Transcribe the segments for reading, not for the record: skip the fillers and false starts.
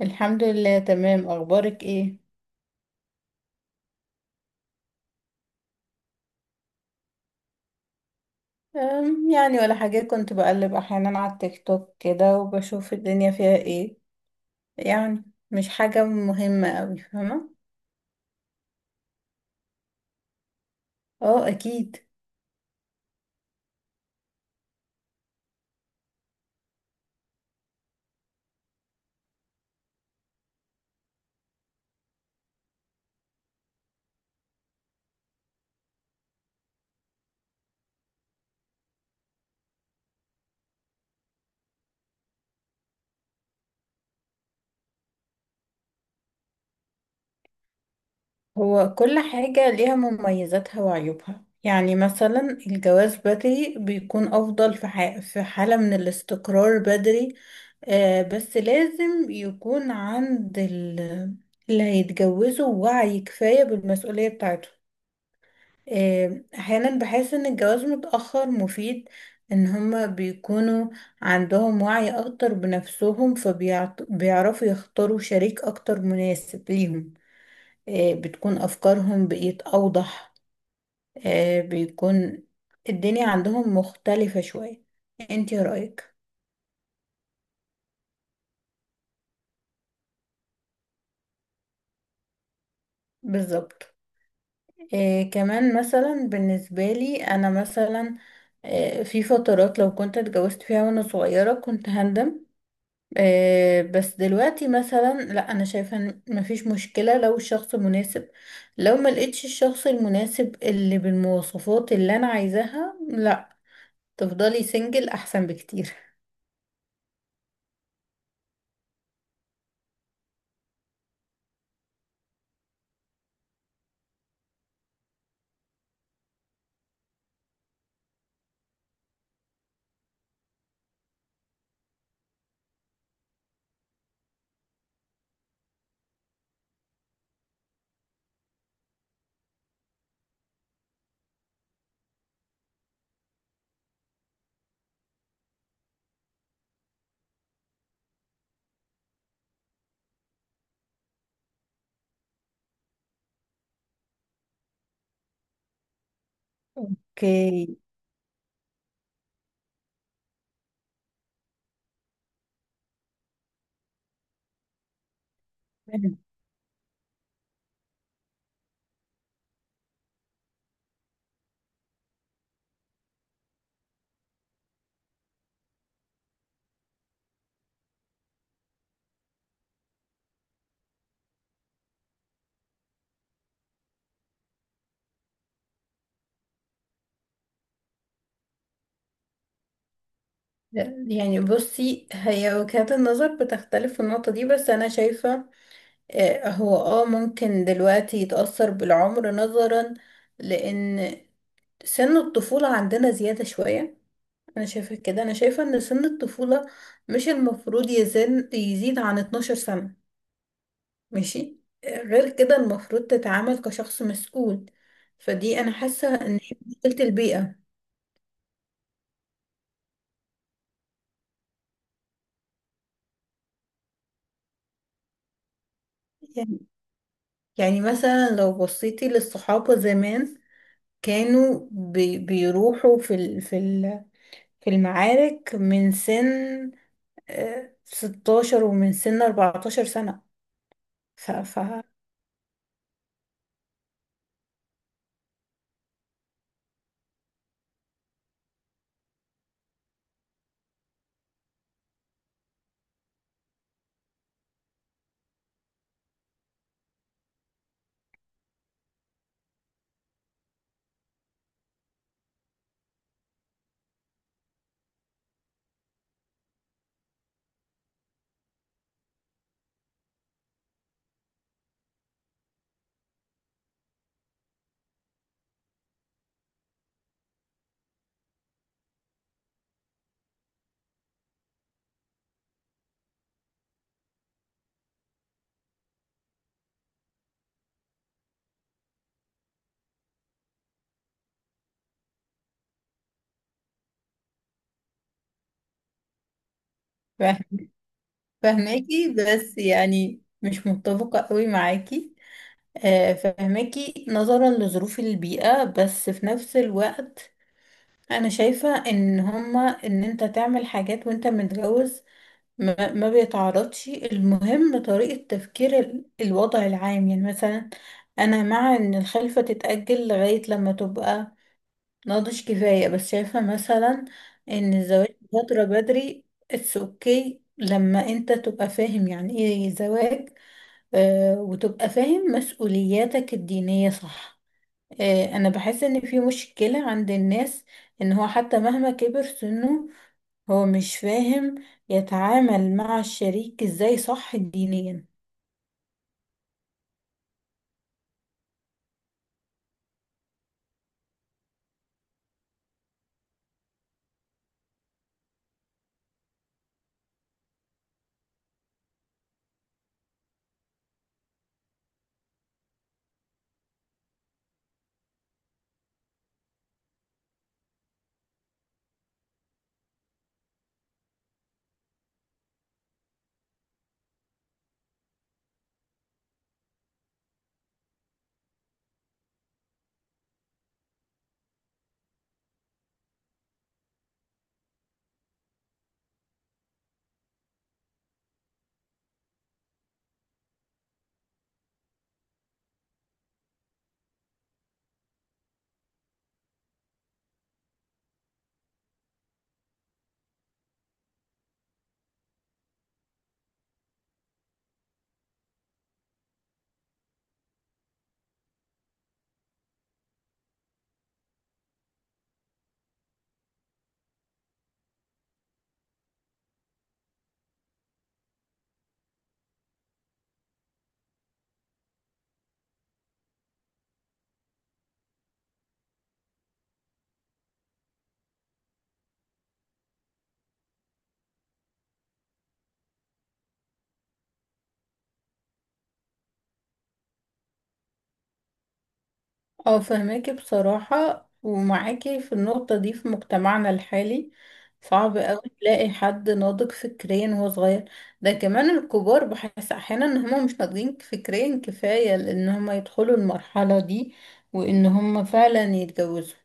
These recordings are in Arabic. الحمد لله تمام. اخبارك ايه؟ يعني ولا حاجة، كنت بقلب احيانا على التيك توك كده وبشوف الدنيا فيها ايه يعني. مش حاجة مهمة اوي، فاهمة. اه اكيد. هو كل حاجة ليها مميزاتها وعيوبها، يعني مثلا الجواز بدري بيكون افضل في في حالة من الاستقرار بدري. بس لازم يكون عند اللي هيتجوزوا وعي كفاية بالمسؤولية بتاعته. احيانا بحس ان الجواز متأخر مفيد، ان هما بيكونوا عندهم وعي اكتر بنفسهم فبيعرفوا يختاروا شريك اكتر مناسب ليهم. بتكون افكارهم بقيت اوضح. بيكون الدنيا عندهم مختلفة شوية. انتي رأيك؟ بالظبط. كمان مثلا بالنسبة لي انا مثلا، في فترات لو كنت اتجوزت فيها وانا صغيرة كنت هندم. بس دلوقتي مثلا لا، انا شايفه إن مفيش مشكله لو الشخص مناسب. لو ما لقيتش الشخص المناسب اللي بالمواصفات اللي انا عايزاها، لا، تفضلي سنجل احسن بكتير. اوكي. يعني بصي، هي وجهات النظر بتختلف في النقطة دي، بس أنا شايفة هو اه ممكن دلوقتي يتأثر بالعمر نظرا لأن سن الطفولة عندنا زيادة شوية. انا شايفة كده، انا شايفة ان سن الطفولة مش المفروض يزيد عن 12 سنة، ماشي. غير كده المفروض تتعامل كشخص مسؤول. فدي انا حاسة ان هي مشكلة البيئة. يعني، يعني مثلا لو بصيتي للصحابة زمان، كانوا بيروحوا في ال في ال في المعارك من سن 16 ومن سن 14 سنة. ف ف فاهماكي بس يعني مش متفقة قوي معاكي. فهماكي نظرا لظروف البيئة، بس في نفس الوقت أنا شايفة إن هما، إن أنت تعمل حاجات وأنت متجوز ما بيتعرضش. المهم طريقة تفكير الوضع العام. يعني مثلا أنا مع إن الخلفة تتأجل لغاية لما تبقى ناضج كفاية، بس شايفة مثلا إن الزواج فترة بدري اتس اوكي لما انت تبقى فاهم يعني ايه زواج. وتبقى فاهم مسؤولياتك الدينية، صح. انا بحس ان في مشكلة عند الناس ان هو حتى مهما كبر سنه هو مش فاهم يتعامل مع الشريك ازاي صح دينيا. اه فهماكي بصراحة، ومعاكي في النقطة دي. في مجتمعنا الحالي صعب اوي تلاقي حد ناضج فكريا وهو صغير. ده كمان الكبار بحس احيانا ان هما مش ناضجين فكريا كفاية لان هما يدخلوا المرحلة دي وان هما فعلا يتجوزوا.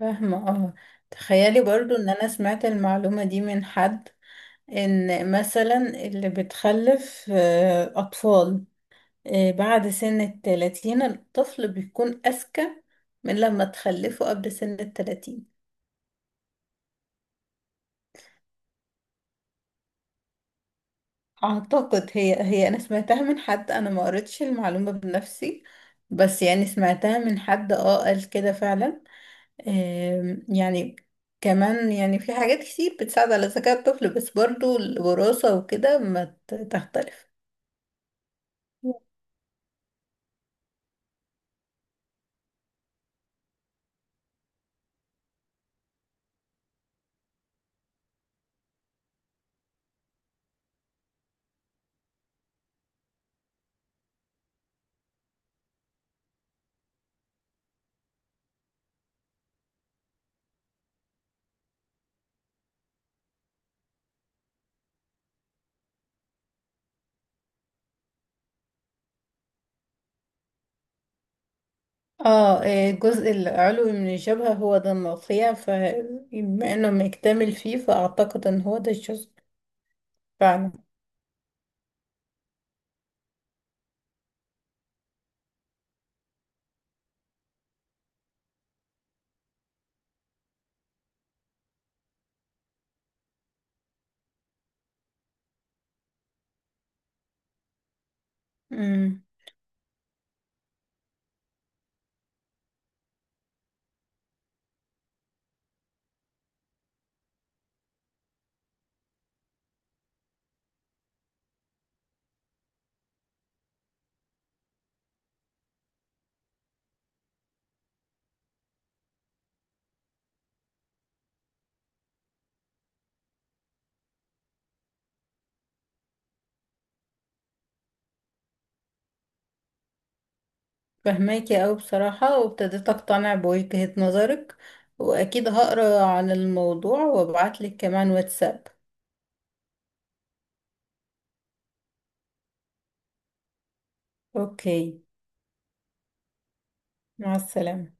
فاهمة اه. تخيلي برضو ان انا سمعت المعلومة دي من حد، ان مثلا اللي بتخلف اطفال بعد سن التلاتين الطفل بيكون اذكى من لما تخلفه قبل سن التلاتين. اعتقد هي انا سمعتها من حد، انا ما قريتش المعلومة بنفسي، بس يعني سمعتها من حد اه قال كده فعلا. يعني كمان يعني في حاجات كتير بتساعد على ذكاء الطفل، بس برضو الوراثة وكده ما ت- تختلف. اه الجزء العلوي من الجبهة هو ده المقطيع، فبما انه مكتمل فيه فاعتقد ان هو ده الجزء فعلا. امم فهماكي اوي بصراحة، وابتديت اقتنع بوجهة نظرك. واكيد هقرا عن الموضوع وابعتلك كمان واتساب. اوكي. مع السلامة.